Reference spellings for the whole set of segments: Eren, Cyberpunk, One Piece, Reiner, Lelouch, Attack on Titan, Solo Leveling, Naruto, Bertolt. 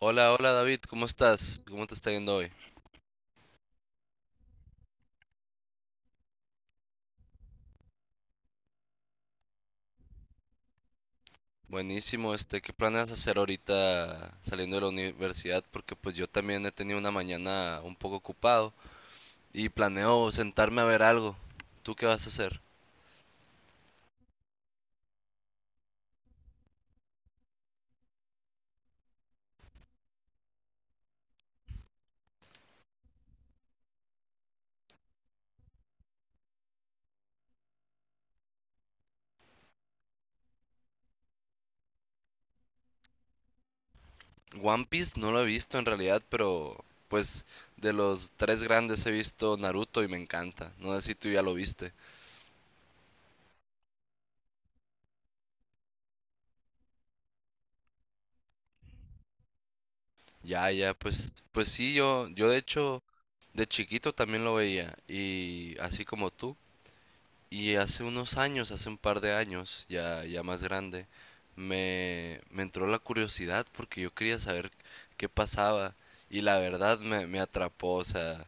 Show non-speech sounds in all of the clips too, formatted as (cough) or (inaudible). Hola, David, ¿cómo estás? ¿Cómo te está yendo hoy? Buenísimo, ¿qué planeas hacer ahorita saliendo de la universidad? Porque pues yo también he tenido una mañana un poco ocupado y planeo sentarme a ver algo. ¿Tú qué vas a hacer? One Piece no lo he visto en realidad, pero pues de los tres grandes he visto Naruto y me encanta. No sé si tú ya lo viste. Ya, ya, pues, pues sí, yo de hecho de chiquito también lo veía y así como tú. Y hace unos años, hace un par de años, ya, ya más grande, me entró la curiosidad porque yo quería saber qué pasaba y la verdad me atrapó, o sea,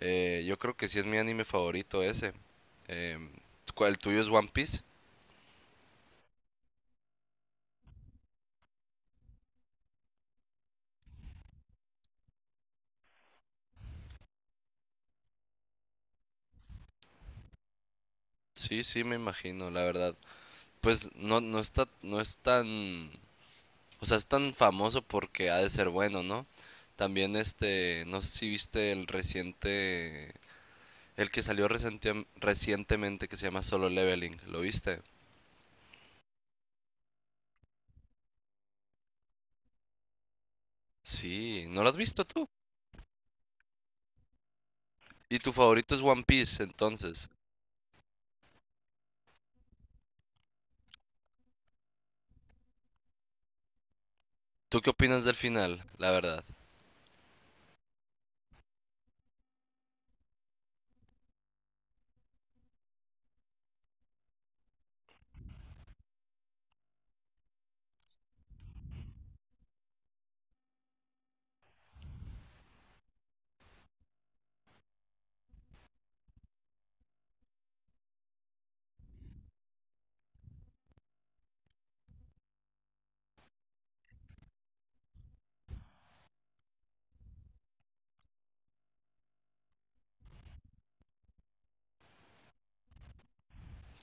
yo creo que sí es mi anime favorito ese. Em, ¿El tuyo es One Piece? Sí, sí, me imagino, la verdad. Pues no, no es tan, o sea, es tan famoso porque ha de ser bueno, ¿no? También este, no sé si viste el reciente. El que salió recientemente que se llama Solo Leveling, ¿lo viste? Sí, ¿no lo has visto tú? Y tu favorito es One Piece, entonces. ¿Tú qué opinas del final, la verdad?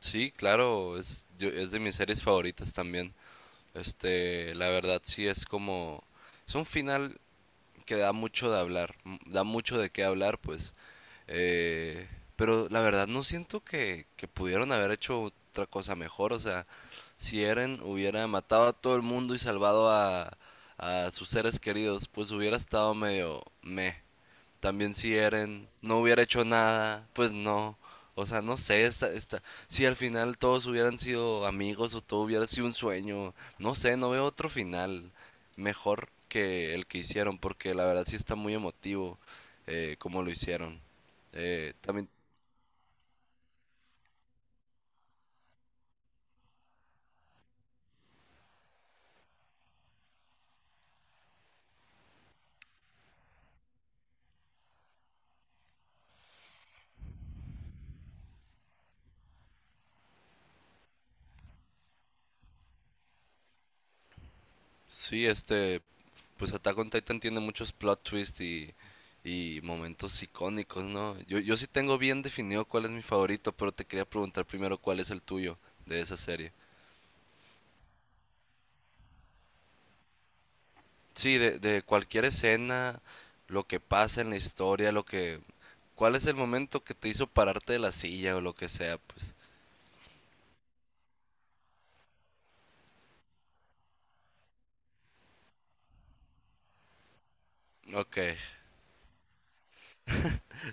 Sí, claro, es de mis series favoritas también. Este, la verdad sí es como... Es un final que da mucho de hablar, da mucho de qué hablar, pues. Eh, pero la verdad no siento que pudieron haber hecho otra cosa mejor. O sea, si Eren hubiera matado a todo el mundo y salvado a sus seres queridos, pues hubiera estado medio meh. También si Eren no hubiera hecho nada, pues no. O sea, no sé, esta, si al final todos hubieran sido amigos o todo hubiera sido un sueño, no sé, no veo otro final mejor que el que hicieron, porque la verdad sí está muy emotivo como lo hicieron. También, sí, este, pues Attack on Titan tiene muchos plot twists y momentos icónicos, ¿no? Yo sí tengo bien definido cuál es mi favorito, pero te quería preguntar primero cuál es el tuyo de esa serie. Sí, de cualquier escena, lo que pasa en la historia, lo que... ¿Cuál es el momento que te hizo pararte de la silla o lo que sea? Pues, ok.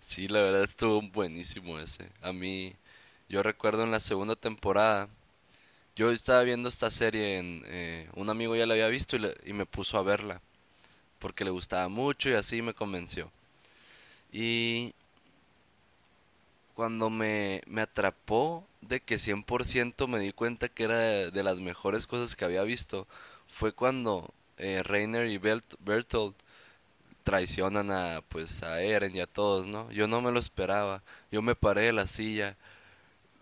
Sí, la verdad estuvo buenísimo ese. A mí, yo recuerdo en la segunda temporada, yo estaba viendo esta serie, un amigo ya la había visto y, y me puso a verla, porque le gustaba mucho y así me convenció. Cuando me atrapó de que 100% me di cuenta que era de las mejores cosas que había visto, fue cuando Reiner y Bertolt traicionan a, pues, a Eren y a todos, ¿no? Yo no me lo esperaba, yo me paré de la silla.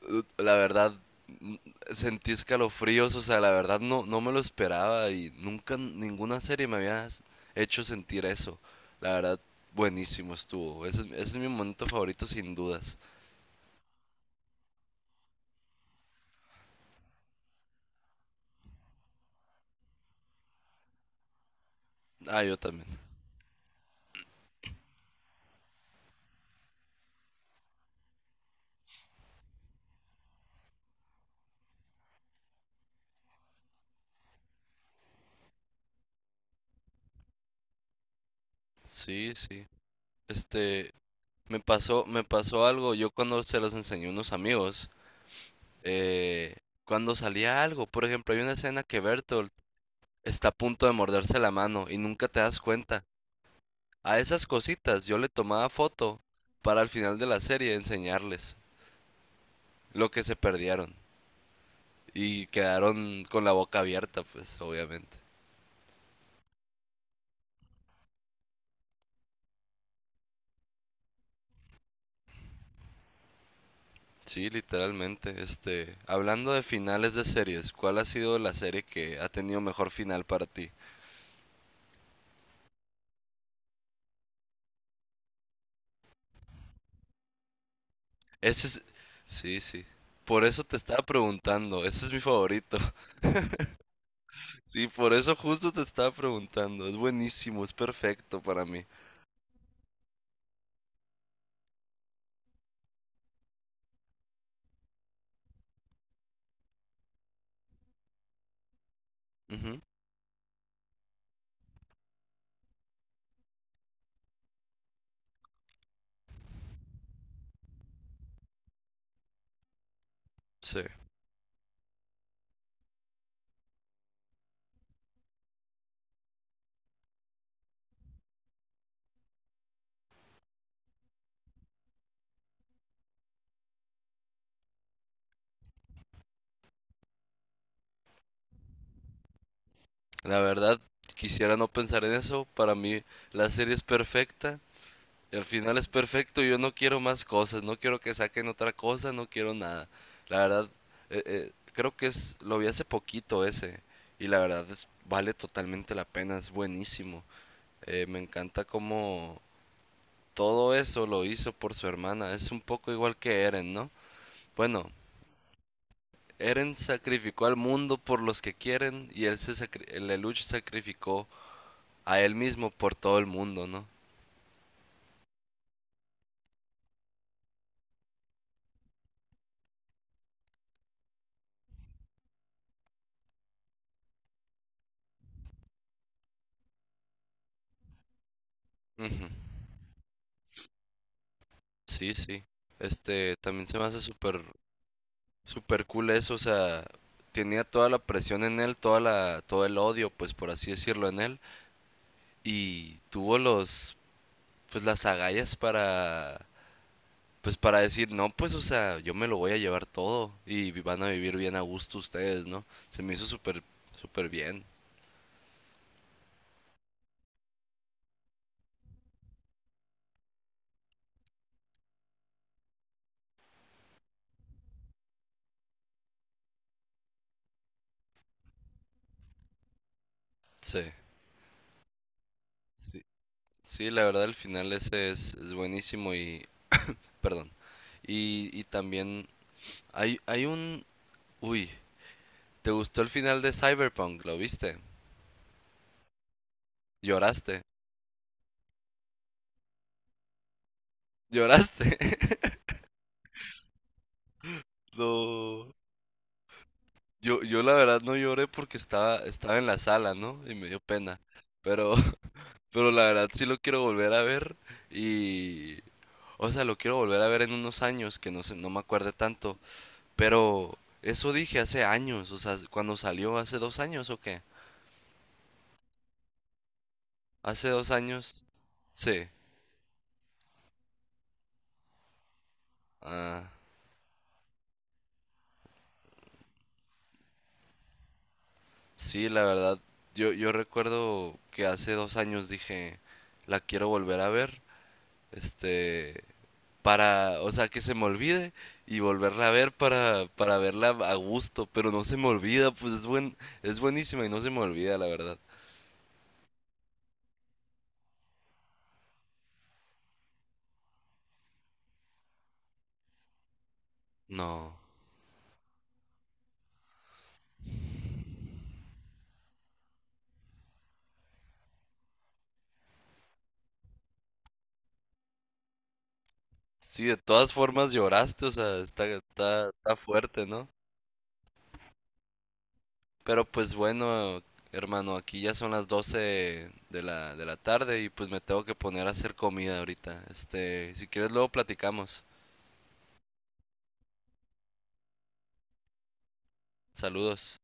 La verdad, n- sentí escalofríos, o sea, la verdad no, no me lo esperaba y nunca ninguna serie me había hecho sentir eso. La verdad, buenísimo estuvo, ese es mi momento favorito sin dudas. Ah, yo también. Sí, sí. Este, me pasó algo. Yo cuando se los enseñé a unos amigos, eh, cuando salía algo, por ejemplo, hay una escena que Bertolt está a punto de morderse la mano y nunca te das cuenta. A esas cositas yo le tomaba foto para al final de la serie enseñarles lo que se perdieron y quedaron con la boca abierta, pues, obviamente. Sí, literalmente. Este, hablando de finales de series, ¿cuál ha sido la serie que ha tenido mejor final para ti? Ese es... Sí, sí. Por eso te estaba preguntando. Ese es mi favorito. (laughs) Sí, por eso justo te estaba preguntando. Es buenísimo, es perfecto para mí. Ujú. Sí. La verdad, quisiera no pensar en eso. Para mí, la serie es perfecta. El final es perfecto. Yo no quiero más cosas. No quiero que saquen otra cosa. No quiero nada. La verdad, creo que es... Lo vi hace poquito ese. Y la verdad, vale totalmente la pena. Es buenísimo. Me encanta cómo... Todo eso lo hizo por su hermana. Es un poco igual que Eren, ¿no? Bueno, Eren sacrificó al mundo por los que quieren y él el Lelouch sacrificó a él mismo por todo el mundo, ¿no? Ujú. Sí, sí. Este, también se me hace súper, súper cool eso, o sea, tenía toda la presión en él, todo el odio, pues por así decirlo, en él, y tuvo pues las agallas para. Pues para decir, no, pues o sea, yo me lo voy a llevar todo y van a vivir bien a gusto ustedes, ¿no? Se me hizo súper, súper bien. Sí, sí, sí, la verdad el final ese es buenísimo y, perdón. Y también hay un, uy, ¿te gustó el final de Cyberpunk? ¿Lo viste? ¿Lloraste? ¿Lloraste? (laughs) No, yo la verdad no lloré porque estaba en la sala, ¿no? Y me dio pena. Pero, (laughs) pero la verdad sí lo quiero volver a ver. Y, o sea, lo quiero volver a ver en unos años, que no sé, no me acuerde tanto. Pero eso dije hace años, o sea, cuando salió hace 2 años o qué. Hace dos años, sí. Ah, sí, la verdad, yo recuerdo que hace 2 años dije, la quiero volver a ver, este, para, o sea, que se me olvide y volverla a ver para verla a gusto, pero no se me olvida, es buenísima y no se me olvida, la verdad. No. Sí, de todas formas lloraste, o sea, está fuerte, ¿no? Pero pues bueno, hermano, aquí ya son las 12 de la tarde y pues me tengo que poner a hacer comida ahorita. Este, si quieres luego platicamos. Saludos.